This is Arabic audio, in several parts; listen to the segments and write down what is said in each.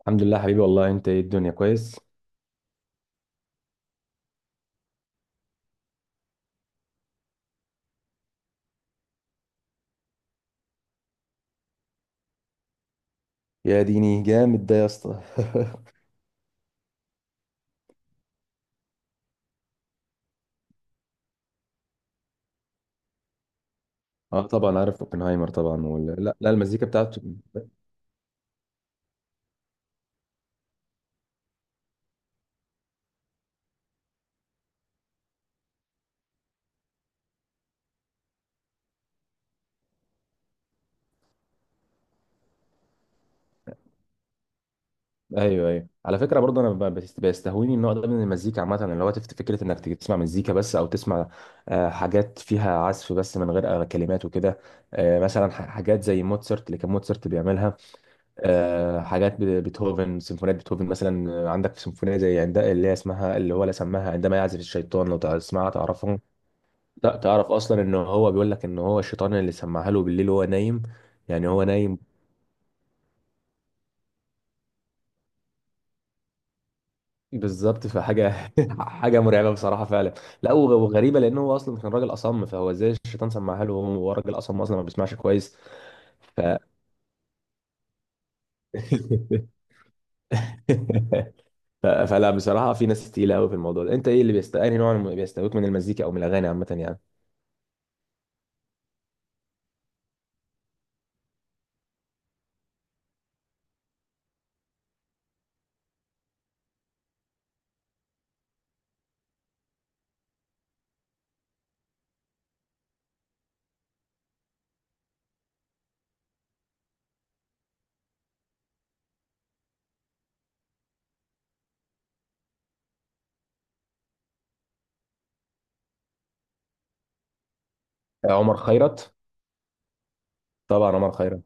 الحمد لله حبيبي والله. انت ايه الدنيا كويس؟ يا ديني جامد ده يا اسطى. اه طبعا عارف اوبنهايمر طبعا وال... لا لا المزيكا بتاعته. ايوه ايوه على فكره برضه. انا بيستهويني النوع ده من المزيكا عامه، اللي هو تفت فكره انك تيجي تسمع مزيكا بس، او تسمع حاجات فيها عزف بس من غير كلمات وكده. مثلا حاجات زي موتسرت اللي كان موتسرت بيعملها. حاجات بيتهوفن، سيمفونيات بيتهوفن مثلا. عندك سيمفونيه زي عند اللي هي اسمها اللي هو لا سماها عندما يعزف الشيطان. لو تسمعها تعرفها. لا تعرف اصلا ان هو بيقول لك ان هو الشيطان اللي سمعها له بالليل وهو نايم، يعني هو نايم. بالظبط. فحاجه حاجه مرعبه بصراحه فعلا. لا وغريبه، لان هو اصلا كان راجل اصم، فهو ازاي الشيطان سمعها له، وهو راجل اصم اصلا ما بيسمعش كويس. ف... فلا بصراحه في ناس تقيله قوي في الموضوع ده. انت ايه اللي بيست انهي نوع اللي بيستهويك من المزيكا او من الاغاني عامه يعني؟ عمر خيرت، طبعا عمر خيرت.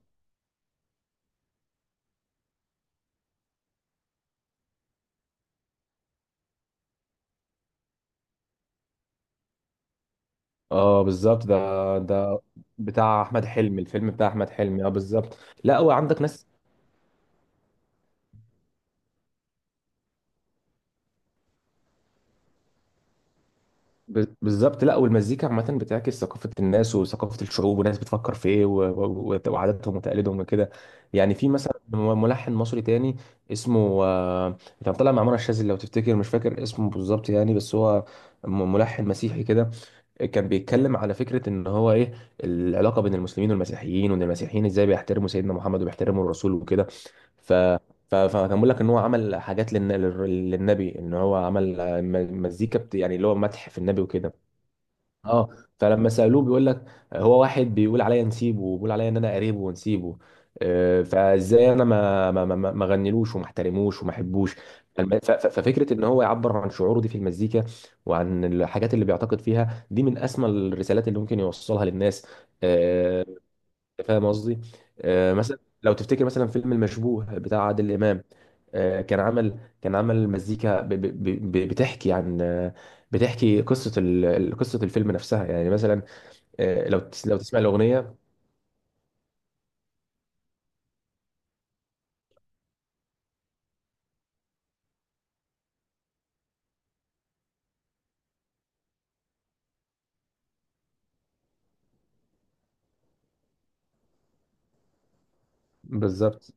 اه بالظبط، ده ده بتاع احمد حلمي، الفيلم بتاع احمد حلمي، اه بالظبط. لا هو عندك ناس. بالظبط. لا والمزيكا عامة بتعكس ثقافة الناس وثقافة الشعوب، والناس بتفكر في ايه و وعاداتهم وتقاليدهم وكده. يعني في مثلا ملحن مصري تاني، اسمه كان طالع مع منى الشاذلي لو تفتكر، مش فاكر اسمه بالظبط يعني، بس هو ملحن مسيحي كده. كان بيتكلم على فكرة ان هو ايه العلاقة بين المسلمين والمسيحيين، وان المسيحيين ازاي بيحترموا سيدنا محمد وبيحترموا الرسول وكده. ف ف- فكان بيقول لك ان هو عمل حاجات للنبي، ان هو عمل مزيكا يعني اللي هو مدح في النبي وكده. اه، فلما سالوه بيقول لك هو واحد بيقول عليا نسيبه، وبيقول عليا ان انا قريبه ونسيبه. فازاي انا ما غنيلوش وما احترموش وما احبوش. فالم- ف- ف- ففكره ان هو يعبر عن شعوره دي في المزيكا، وعن الحاجات اللي بيعتقد فيها دي، من اسمى الرسالات اللي ممكن يوصلها للناس. آه، فاهم قصدي؟ مثلا لو تفتكر مثلا فيلم المشبوه بتاع عادل امام. كان عمل مزيكا بتحكي عن بتحكي قصه قصه الفيلم نفسها، يعني مثلا لو تسمع الاغنيه. بالظبط.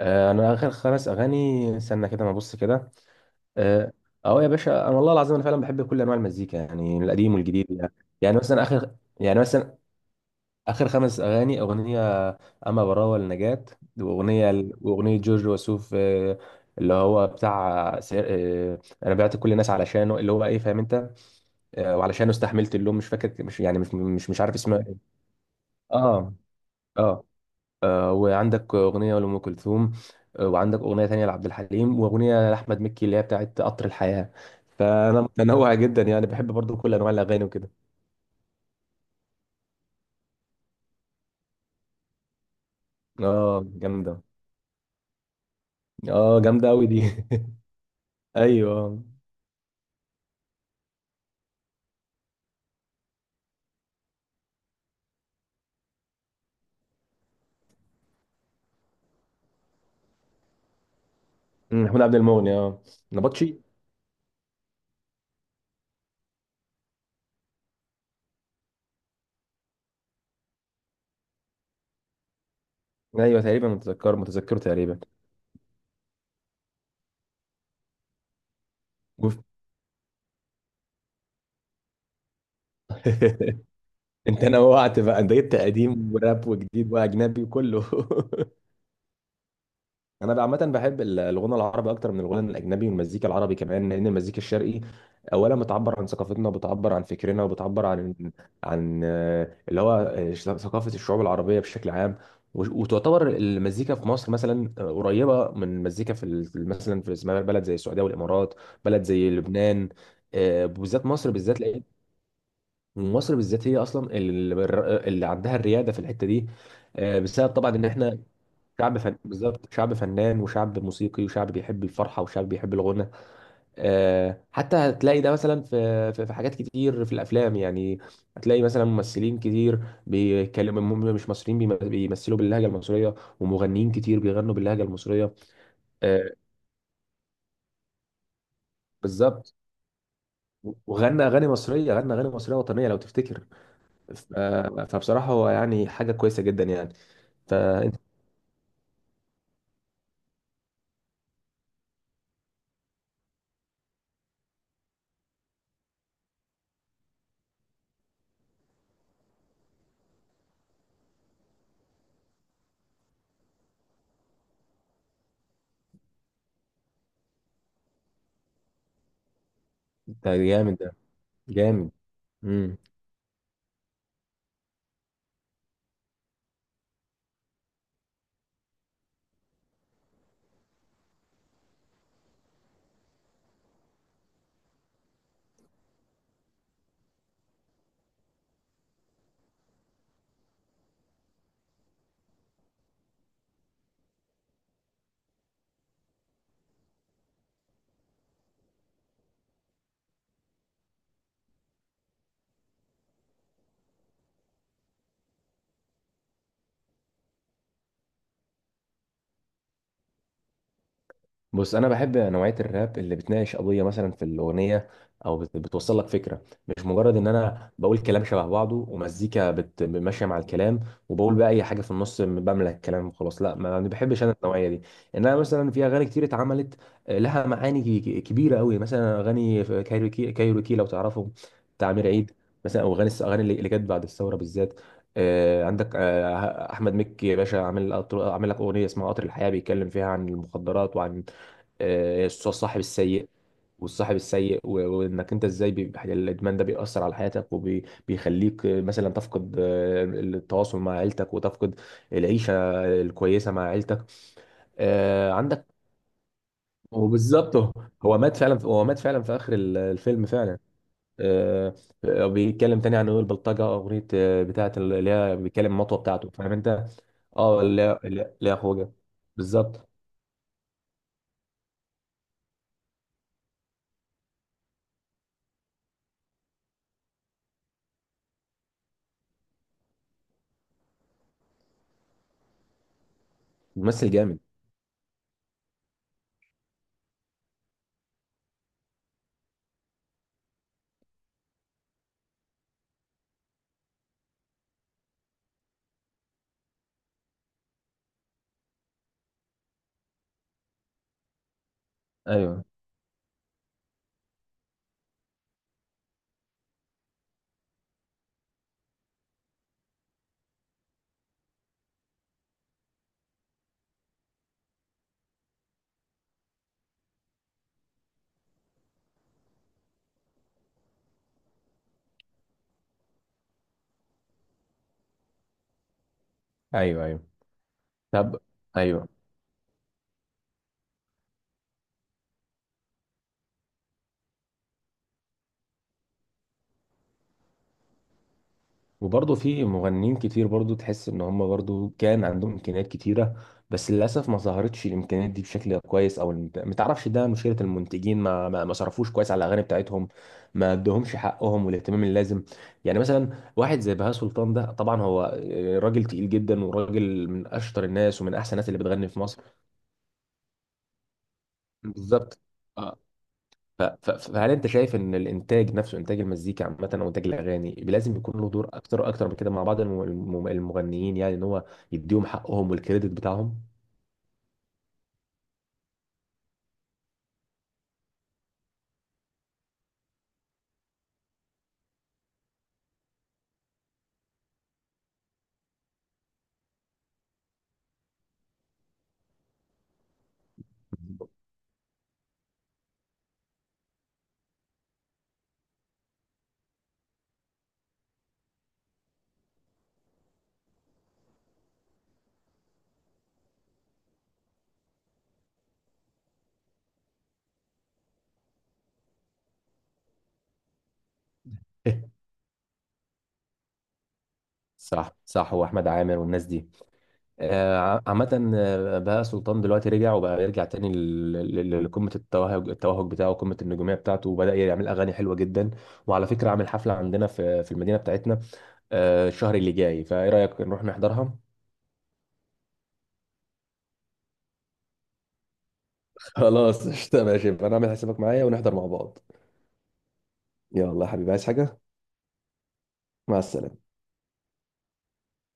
انا اخر خمس اغاني استنى كده ما ابص كده. اه أهو يا باشا، انا والله العظيم انا فعلا بحب كل انواع المزيكا، يعني القديم والجديد يعني. يعني مثلا اخر خمس اغاني، اغنيه اما براوة لنجاة، واغنيه جورج وسوف، اللي هو بتاع سير... آه، انا بعت كل الناس علشانه، اللي هو ايه فاهم انت. وعلشانه استحملت اللوم، مش فاكر، مش يعني مش مش مش عارف اسمها ايه. اه اه. وعندك اغنيه لام كلثوم، وعندك اغنيه تانية لعبد الحليم، واغنيه لاحمد مكي اللي هي بتاعت قطر الحياه. فانا متنوع جدا يعني، بحب برضو كل انواع الاغاني وكده. اه جامده، اه جامده قوي دي ايوه. محمود عبد المغني اه. نبطشي. ايوه تقريبا، متذكر، متذكره تقريبا. جوف. انت نوعت بقى، انت جبت قديم وراب وجديد واجنبي وكله انا عامه بحب ال- الغنى العربي اكتر من الغنى الاجنبي، والمزيكا العربي كمان، لان المزيكا الشرقي اولا بتعبر عن ثقافتنا، بتعبر عن فكرنا، وبتعبر عن عن آه، اللي هو آه، ثقافه الشعوب العربيه بشكل عام. وش- وتعتبر المزيكا في مصر مثلا قريبه من المزيكا في مثلا في اسمها بلد زي السعوديه والامارات، بلد زي لبنان. بالذات مصر بالذات، لأن مصر بالذات هي اصلا اللي عندها الرياده في الحته دي. بسبب طبعا ان احنا شعب فن، بالظبط شعب فنان وشعب موسيقي وشعب بيحب الفرحه وشعب بيحب الغنى. آه حتى هتلاقي ده مثلا في في حاجات كتير في الافلام يعني. هتلاقي مثلا ممثلين كتير بيتكلموا هم مش مصريين، بيمثلوا باللهجه المصريه، ومغنيين كتير بيغنوا باللهجه المصريه. آه بالظبط. وغنى اغاني مصريه غنى اغاني مصريه وطنيه لو تفتكر. فبصراحه هو يعني حاجه كويسه جدا يعني. فانت أنت جامد ده، جامد. بص انا بحب نوعيه الراب اللي بتناقش قضيه مثلا في الاغنيه، او بتوصل لك فكره، مش مجرد ان انا بقول كلام شبه بعضه، ومزيكا ماشيه مع الكلام، وبقول بقى اي حاجه في النص بملى الكلام وخلاص. لا ما بحبش انا النوعيه دي. انما مثلا في اغاني كتير اتعملت لها معاني كبيره قوي، مثلا اغاني في كايروكي. كايروكي لو تعرفهم، بتاع امير عيد مثلا. او اغاني الاغاني اللي اللي جت بعد الثوره بالذات. آه، عندك آه، احمد مكي يا باشا عامل عامل لك اغنيه اسمها قطر الحياه، بيتكلم فيها عن المخدرات وعن آه، الصاحب السيء والصاحب السيء، و وانك انت ازاي بيبقى الادمان ده بيأثر على حياتك، وبيخليك مثلا تفقد التواصل مع عيلتك، وتفقد العيشة الكويسة مع عيلتك. آه، عندك وبالظبط، هو هو مات فعلا في اخر الفيلم فعلا. آه، بيتكلم تاني عن البلطجة، اغنية بتاعة اللي هي بيتكلم المطوة بتاعته، فاهم انت. اه اللي هي اللي هي اخوه. بالظبط، ممثل جامد. ايوه ايوه ايوه. طب، ايوه. وبرضه في مغنيين كتير برضه تحس ان هم برضه كان عندهم امكانيات كتيره، بس للاسف ما ظهرتش الامكانيات دي بشكل كويس، او ما تعرفش ده مشكله المنتجين، ما صرفوش كويس على الاغاني بتاعتهم، ما ادوهمش حقهم والاهتمام اللازم. يعني مثلا واحد زي بهاء سلطان ده، طبعا هو راجل تقيل جدا، وراجل من اشطر الناس ومن احسن الناس اللي بتغني في مصر. بالظبط. ف- ف- فهل انت شايف ان الانتاج نفسه، انتاج المزيكا عامه او انتاج الاغاني، لازم يكون له دور اكتر اكتر من كده مع بعض المغنيين، يعني ان هو يديهم حقهم والكريدت بتاعهم؟ صح صح، واحمد عامر والناس دي. آه، عامه آه، بهاء سلطان دلوقتي رجع وبقى يرجع تاني لقمه التوهج بتاعه، قمه النجوميه بتاعته، وبدا يعمل اغاني حلوه جدا. وعلى فكره عامل حفله عندنا في المدينه بتاعتنا الشهر اللي جاي، فايه رايك نروح نحضرها؟ خلاص قشطة، ماشي، يبقى انا اعمل حسابك معايا ونحضر مع بعض. يلا يا حبيبي، عايز حاجة؟ مع السلامة.